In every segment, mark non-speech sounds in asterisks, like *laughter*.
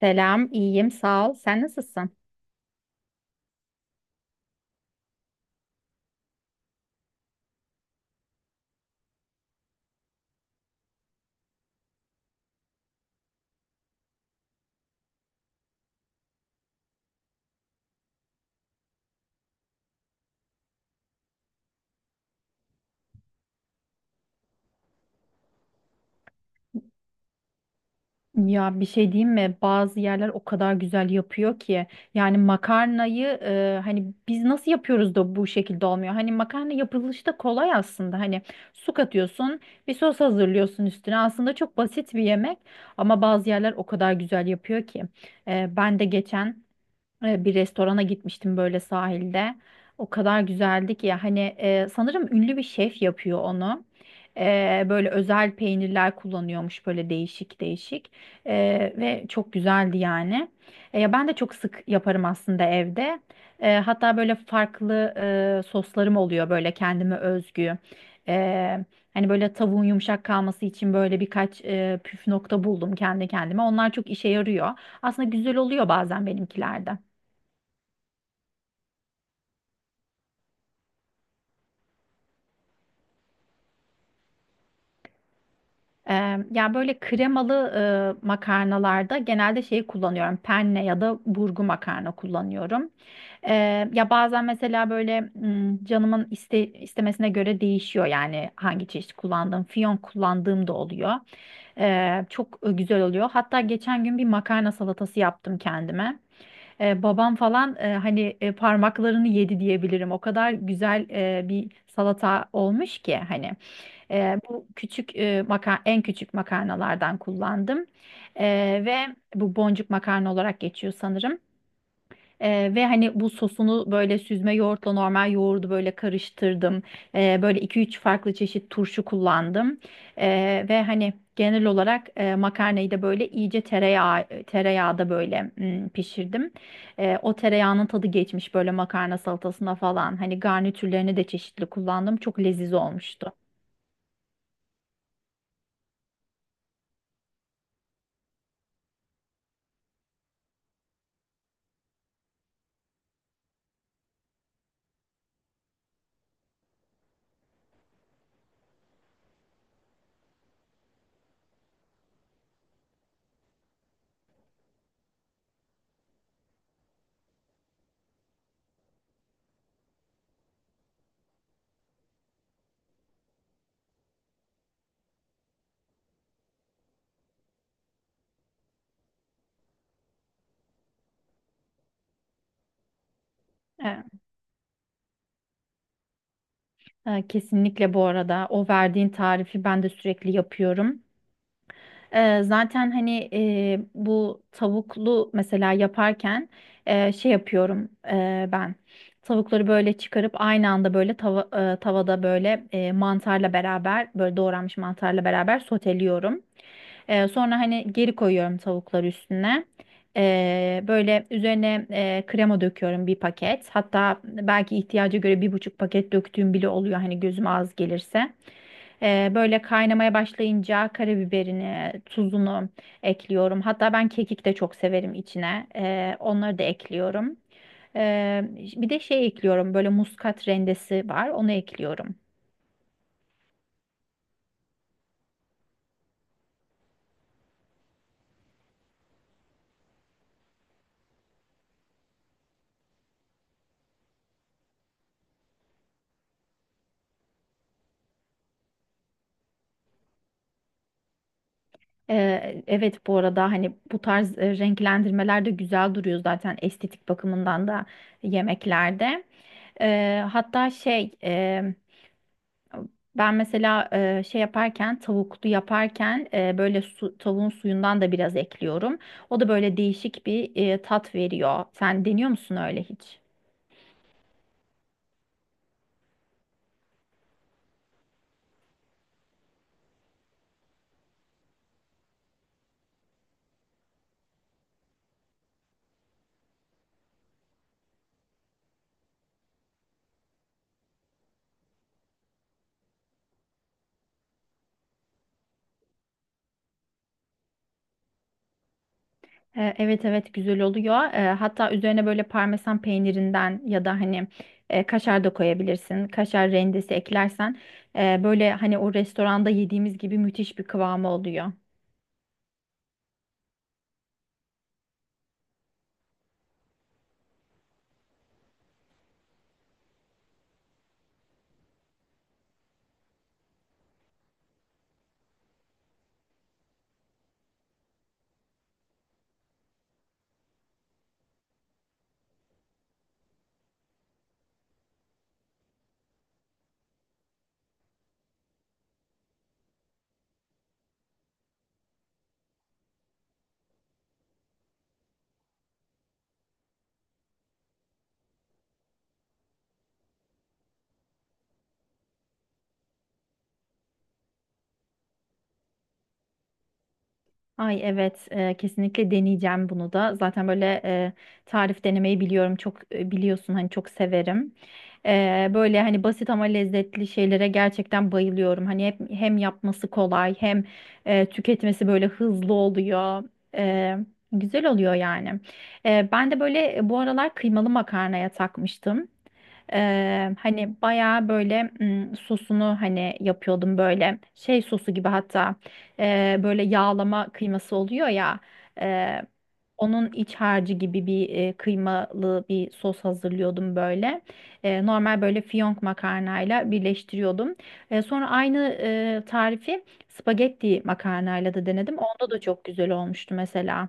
Selam, iyiyim, sağ ol. Sen nasılsın? Ya bir şey diyeyim mi? Bazı yerler o kadar güzel yapıyor ki. Yani makarnayı hani biz nasıl yapıyoruz da bu şekilde olmuyor? Hani makarna yapılışı da kolay aslında. Hani su katıyorsun, bir sos hazırlıyorsun üstüne. Aslında çok basit bir yemek ama bazı yerler o kadar güzel yapıyor ki. Ben de geçen bir restorana gitmiştim böyle sahilde. O kadar güzeldi ki ya hani sanırım ünlü bir şef yapıyor onu. Böyle özel peynirler kullanıyormuş böyle değişik değişik E, Ve çok güzeldi yani. Ya ben de çok sık yaparım aslında evde. Hatta böyle farklı soslarım oluyor böyle kendime özgü. E, Hani böyle tavuğun yumuşak kalması için böyle birkaç püf nokta buldum kendi kendime. Onlar çok işe yarıyor. Aslında güzel oluyor bazen benimkilerde. Ya böyle kremalı makarnalarda genelde şeyi kullanıyorum. Penne ya da burgu makarna kullanıyorum. Ya bazen mesela böyle istemesine göre değişiyor yani hangi çeşit kullandığım. Fiyonk kullandığım da oluyor. Çok güzel oluyor. Hatta geçen gün bir makarna salatası yaptım kendime. Babam falan hani parmaklarını yedi diyebilirim. O kadar güzel bir salata olmuş ki hani. Bu küçük en küçük makarnalardan kullandım. Ve bu boncuk makarna olarak geçiyor sanırım. Ve hani bu sosunu böyle süzme yoğurtla normal yoğurdu böyle karıştırdım. Böyle iki üç farklı çeşit turşu kullandım. Ve hani genel olarak makarnayı da böyle iyice tereyağda böyle pişirdim. O tereyağının tadı geçmiş böyle makarna salatasına falan. Hani garnitürlerini de çeşitli kullandım. Çok leziz olmuştu. Evet. Kesinlikle bu arada o verdiğin tarifi ben de sürekli yapıyorum. Zaten hani bu tavuklu mesela yaparken şey yapıyorum ben. Tavukları böyle çıkarıp aynı anda tavada böyle mantarla beraber böyle doğranmış mantarla beraber soteliyorum. Sonra hani geri koyuyorum tavukları üstüne. Böyle üzerine krema döküyorum bir paket. Hatta belki ihtiyaca göre bir buçuk paket döktüğüm bile oluyor hani gözüme az gelirse. Böyle kaynamaya başlayınca karabiberini, tuzunu ekliyorum. Hatta ben kekik de çok severim içine. Onları da ekliyorum. Bir de şey ekliyorum. Böyle muskat rendesi var. Onu ekliyorum. Evet bu arada hani bu tarz renklendirmeler de güzel duruyor zaten estetik bakımından da yemeklerde. Hatta şey Ben mesela şey yaparken tavuklu yaparken böyle su, tavuğun suyundan da biraz ekliyorum. O da böyle değişik bir tat veriyor. Sen deniyor musun öyle hiç? Evet evet güzel oluyor. Hatta üzerine böyle parmesan peynirinden ya da hani kaşar da koyabilirsin. Kaşar rendesi eklersen böyle hani o restoranda yediğimiz gibi müthiş bir kıvamı oluyor. Ay evet kesinlikle deneyeceğim bunu da. Zaten böyle tarif denemeyi biliyorum. Çok biliyorsun hani çok severim. Böyle hani basit ama lezzetli şeylere gerçekten bayılıyorum. Hem yapması kolay hem tüketmesi böyle hızlı oluyor. E, Güzel oluyor yani. Ben de böyle bu aralar kıymalı makarnaya takmıştım. Hani bayağı böyle sosunu hani yapıyordum böyle şey sosu gibi, hatta böyle yağlama kıyması oluyor ya. e, Onun iç harcı gibi bir kıymalı bir sos hazırlıyordum böyle. Normal böyle fiyonk makarnayla birleştiriyordum. Sonra aynı tarifi spagetti makarnayla da denedim. Onda da çok güzel olmuştu mesela.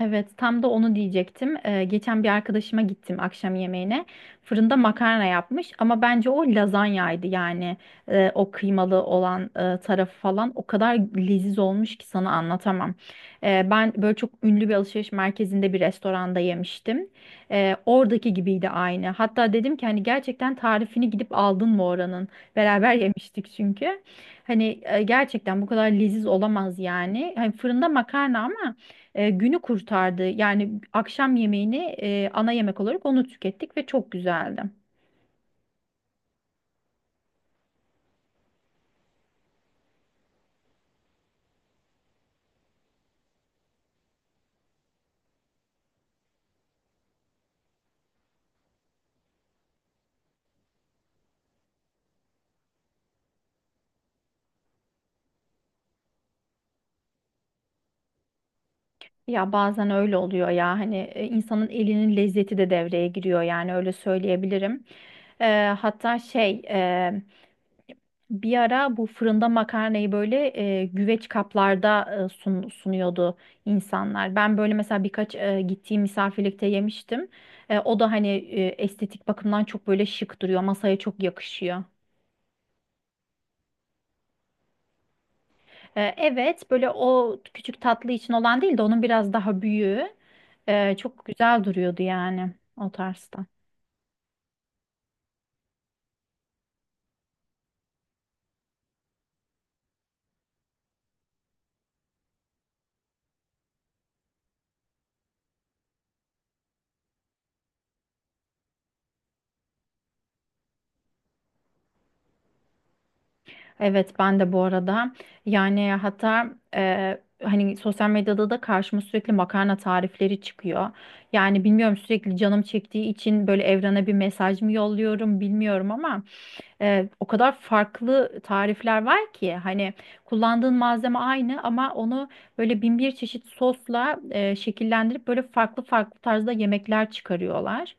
Evet, tam da onu diyecektim. Geçen bir arkadaşıma gittim akşam yemeğine. Fırında makarna yapmış ama bence o lazanyaydı yani. O kıymalı olan tarafı falan o kadar leziz olmuş ki sana anlatamam. Ben böyle çok ünlü bir alışveriş merkezinde bir restoranda yemiştim. Oradaki gibiydi aynı. Hatta dedim ki hani gerçekten tarifini gidip aldın mı oranın? Beraber *laughs* yemiştik çünkü. Hani gerçekten bu kadar leziz olamaz yani. Hani fırında makarna ama günü kurtardı. Yani akşam yemeğini ana yemek olarak onu tükettik ve çok güzeldi. Ya bazen öyle oluyor ya hani insanın elinin lezzeti de devreye giriyor yani öyle söyleyebilirim. E, hatta şey e, Bir ara bu fırında makarnayı böyle güveç kaplarda sunuyordu insanlar. Ben böyle mesela birkaç gittiğim misafirlikte yemiştim. O da hani estetik bakımdan çok böyle şık duruyor, masaya çok yakışıyor. Evet, böyle o küçük tatlı için olan değil de onun biraz daha büyüğü çok güzel duruyordu yani o tarzda. Evet, ben de bu arada yani hatta hani sosyal medyada da karşıma sürekli makarna tarifleri çıkıyor. Yani bilmiyorum sürekli canım çektiği için böyle evrene bir mesaj mı yolluyorum bilmiyorum ama. O kadar farklı tarifler var ki hani kullandığın malzeme aynı ama onu böyle bin bir çeşit sosla şekillendirip böyle farklı farklı tarzda yemekler çıkarıyorlar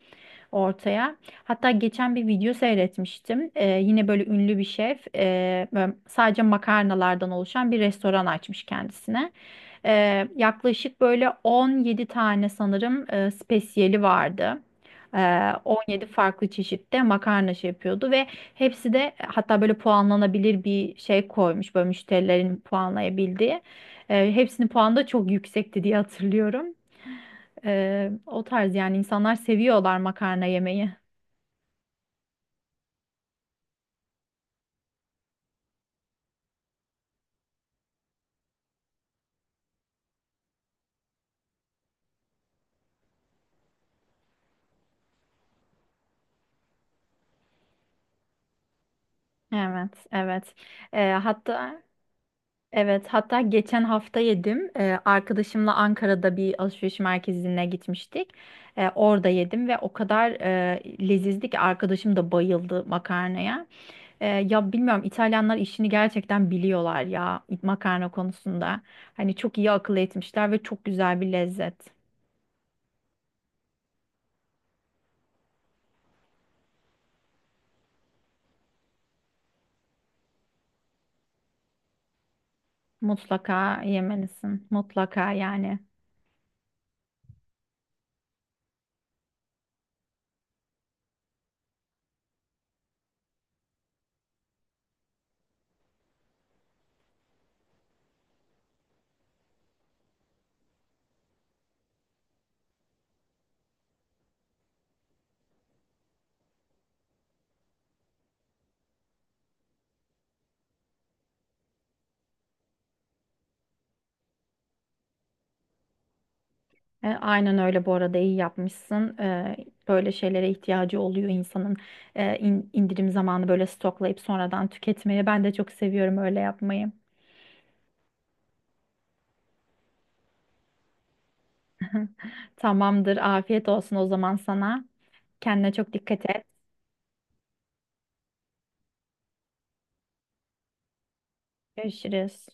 ortaya. Hatta geçen bir video seyretmiştim. Yine böyle ünlü bir şef böyle sadece makarnalardan oluşan bir restoran açmış kendisine. Yaklaşık böyle 17 tane sanırım spesiyeli vardı. 17 farklı çeşitte makarna şey yapıyordu ve hepsi de hatta böyle puanlanabilir bir şey koymuş böyle müşterilerin puanlayabildiği. Hepsinin puanı da çok yüksekti diye hatırlıyorum. O tarz yani insanlar seviyorlar makarna yemeyi. Evet, evet. Ee, hatta evet hatta geçen hafta yedim. Arkadaşımla Ankara'da bir alışveriş merkezine gitmiştik. Orada yedim ve o kadar lezizdi ki arkadaşım da bayıldı makarnaya. Ya bilmiyorum İtalyanlar işini gerçekten biliyorlar ya makarna konusunda. Hani çok iyi akıl etmişler ve çok güzel bir lezzet. Mutlaka yemelisin. Mutlaka yani. Aynen öyle bu arada iyi yapmışsın. Böyle şeylere ihtiyacı oluyor insanın indirim zamanı böyle stoklayıp sonradan tüketmeyi. Ben de çok seviyorum öyle yapmayı. Tamamdır. Afiyet olsun o zaman sana. Kendine çok dikkat et. Görüşürüz.